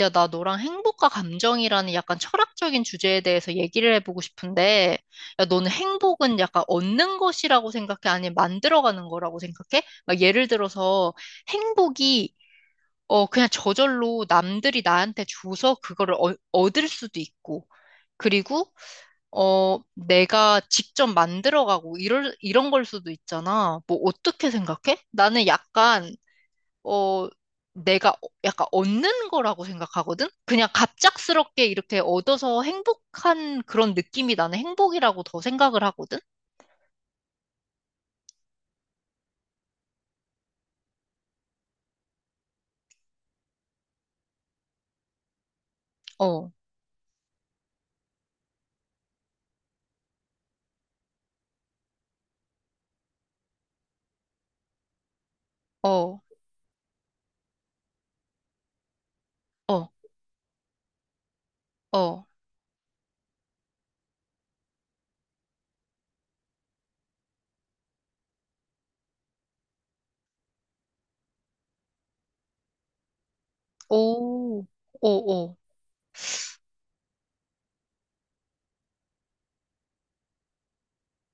야, 나 너랑 행복과 감정이라는 약간 철학적인 주제에 대해서 얘기를 해보고 싶은데, 야, 너는 행복은 약간 얻는 것이라고 생각해? 아니면 만들어가는 거라고 생각해? 막 예를 들어서 행복이, 그냥 저절로 남들이 나한테 줘서 그거를 얻을 수도 있고, 그리고, 내가 직접 만들어가고, 이런 걸 수도 있잖아. 뭐, 어떻게 생각해? 나는 약간 어, 내가 약간 얻는 거라고 생각하거든? 그냥 갑작스럽게 이렇게 얻어서 행복한 그런 느낌이 나는 행복이라고 더 생각을 하거든? 어, 어, 어, 어, 오, 오, 오,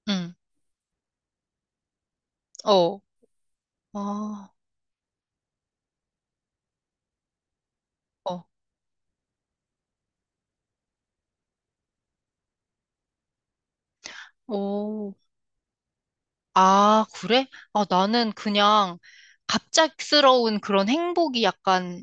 응, 어, 아, 어, 오. 아, 그래? 아, 나는 그냥 갑작스러운 그런 행복이 약간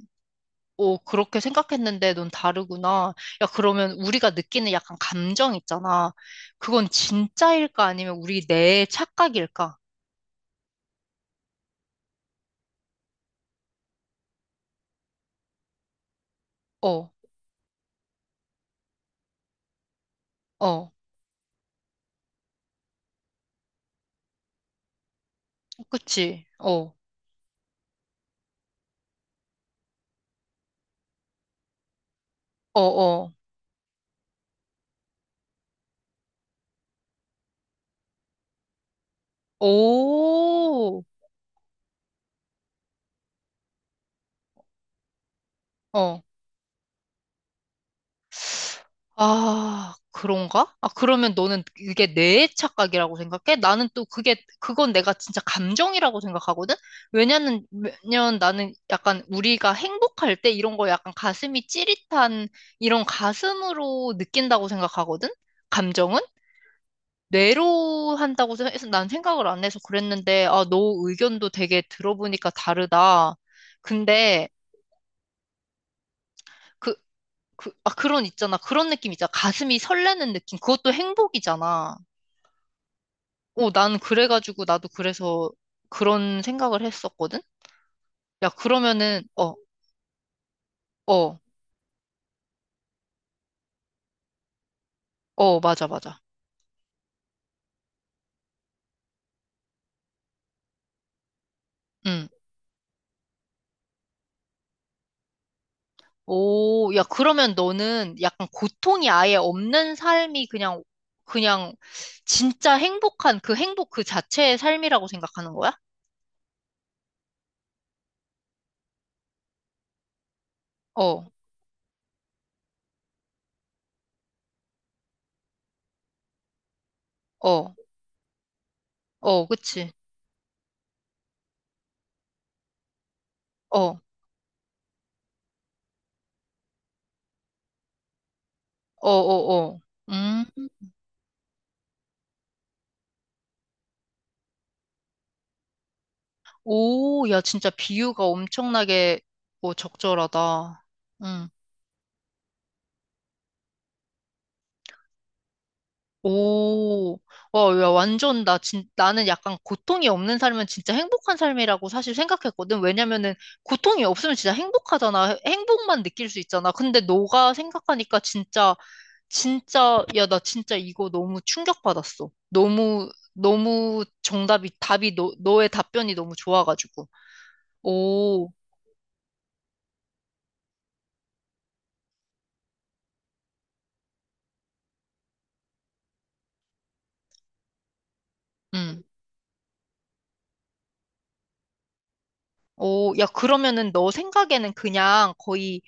오, 그렇게 생각했는데 넌 다르구나. 야, 그러면 우리가 느끼는 약간 감정 있잖아. 그건 진짜일까? 아니면 우리 내 착각일까? 어, 어, 그치? 어, 어, 어. 오, 어. 아, 그런가? 아, 그러면 너는 이게 내 착각이라고 생각해? 나는 또 그건 내가 진짜 감정이라고 생각하거든? 왜냐면, 왜냐면 나는 약간 우리가 행복할 때 이런 거 약간 가슴이 찌릿한 이런 가슴으로 느낀다고 생각하거든? 감정은? 뇌로 한다고 해서 난 생각을 안 해서 그랬는데, 아, 너 의견도 되게 들어보니까 다르다. 근데, 그, 아, 그런 있잖아. 그런 느낌 있잖아. 가슴이 설레는 느낌. 그것도 행복이잖아. 난 그래가지고 나도 그래서 그런 생각을 했었거든? 야, 그러면은, 어, 어, 어, 맞아, 맞아. 응. 오, 야, 그러면 너는 약간 고통이 아예 없는 삶이 그냥 진짜 행복한 그 행복 그 자체의 삶이라고 생각하는 거야? 어, 어, 어, 그치. 어, 어, 어, 어. 음. 오, 야, 진짜 비유가 엄청나게 뭐 적절하다. 응. 오, 와, 야, 완전, 나는 약간 고통이 없는 삶은 진짜 행복한 삶이라고 사실 생각했거든. 왜냐면은, 고통이 없으면 진짜 행복하잖아. 행복만 느낄 수 있잖아. 근데 너가 생각하니까 진짜, 진짜, 야, 나 진짜 이거 너무 충격받았어. 너무, 너무 답이, 너의 답변이 너무 좋아가지고. 오, 음 오, 야, 그러면은 너 생각에는 그냥 거의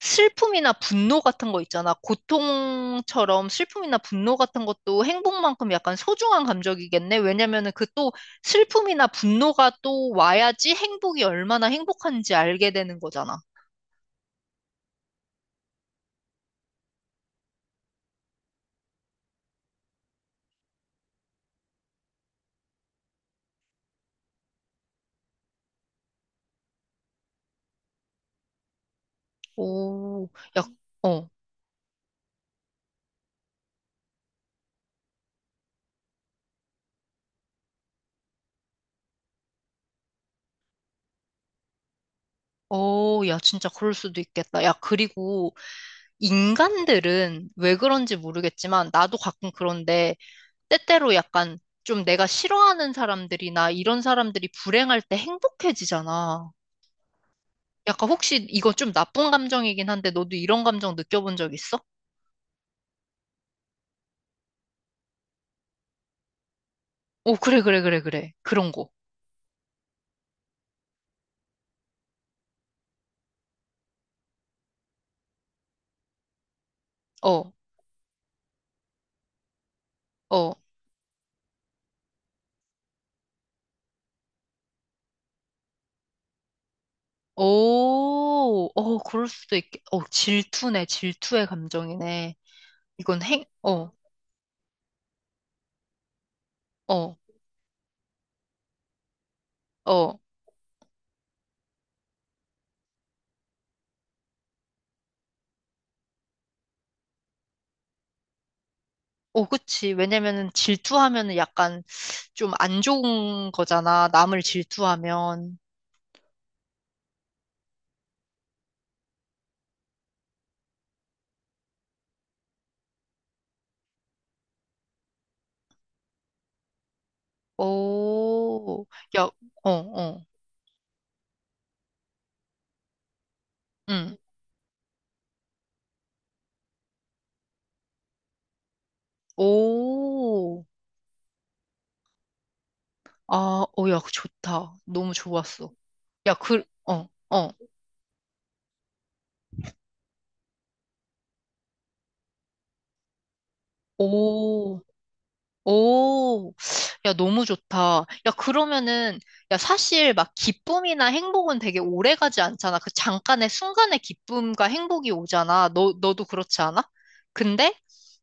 슬픔이나 분노 같은 거 있잖아. 고통처럼 슬픔이나 분노 같은 것도 행복만큼 약간 소중한 감정이겠네. 왜냐면은 그 또 슬픔이나 분노가 또 와야지 행복이 얼마나 행복한지 알게 되는 거잖아. 오, 야, 어. 어, 야, 진짜 그럴 수도 있겠다. 야, 그리고 인간들은 왜 그런지 모르겠지만, 나도 가끔 그런데, 때때로 약간 좀 내가 싫어하는 사람들이나 이런 사람들이 불행할 때 행복해지잖아. 약간 혹시 이거 좀 나쁜 감정이긴 한데 너도 이런 감정 느껴본 적 있어? 오, 그래, 그래, 그래, 그래. 그런 거. 어, 어. 오, 어, 그럴 수도 있겠, 질투네, 질투의 감정이네. 이건 행, 어, 어, 어. 어, 그치. 왜냐면은 질투하면은 약간 좀 안 좋은 거잖아. 남을 질투하면. 오, 야, 어, 어, 응. 오, 아, 어, 야, 좋다. 너무 좋았어. 야, 그, 어, 어. 오, 오, 야, 너무 좋다. 야, 그러면은, 야, 사실 막 기쁨이나 행복은 되게 오래 가지 않잖아. 그 잠깐의 순간의 기쁨과 행복이 오잖아. 너도 그렇지 않아? 근데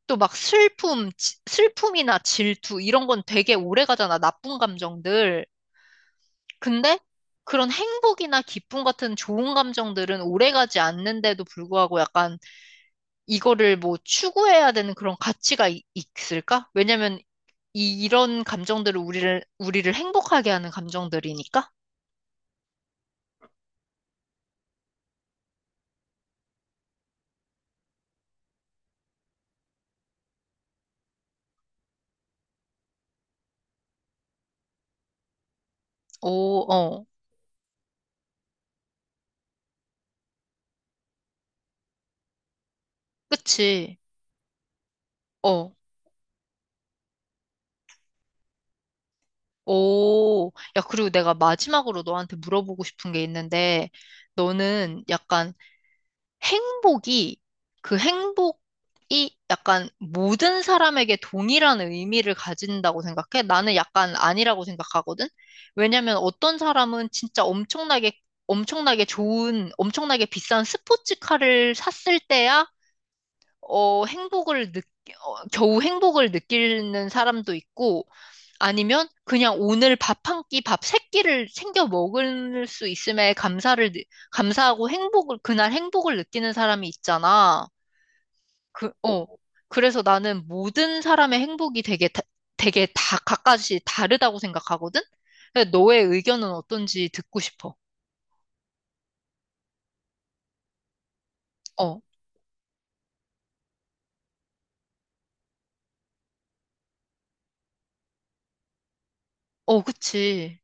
또 막 슬픔이나 질투, 이런 건 되게 오래 가잖아. 나쁜 감정들. 근데 그런 행복이나 기쁨 같은 좋은 감정들은 오래 가지 않는데도 불구하고 약간 이거를 뭐 추구해야 되는 그런 가치가 있을까? 왜냐면 이런 감정들을 우리를 행복하게 하는 감정들이니까? 오, 어, 그치. 어, 오. 야, 그리고 내가 마지막으로 너한테 물어보고 싶은 게 있는데, 너는 약간 행복이, 그 행복이 약간 모든 사람에게 동일한 의미를 가진다고 생각해? 나는 약간 아니라고 생각하거든? 왜냐면 어떤 사람은 진짜 엄청나게 좋은, 엄청나게 비싼 스포츠카를 샀을 때야, 어, 행복을 느, 겨우 행복을 느끼는 사람도 있고, 아니면 그냥 오늘 밥 한 끼, 밥 세 끼를 챙겨 먹을 수 있음에 감사하고 그날 행복을 느끼는 사람이 있잖아. 그, 어. 어, 그래서 나는 모든 사람의 행복이 되게 다 각각이 다르다고 생각하거든? 그래서 너의 의견은 어떤지 듣고 싶어. 어, 어, 그치.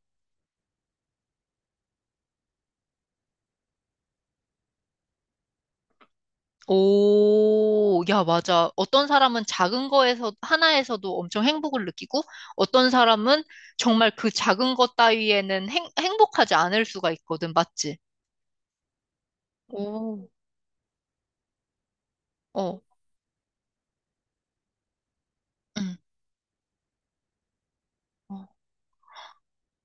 오, 야, 맞아. 어떤 사람은 작은 거에서, 하나에서도 엄청 행복을 느끼고, 어떤 사람은 정말 그 작은 것 따위에는 행복하지 않을 수가 있거든. 맞지? 오, 어. 응. 어,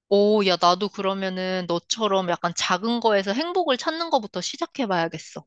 오, 야, 나도 그러면은 너처럼 약간 작은 거에서 행복을 찾는 거부터 시작해봐야겠어.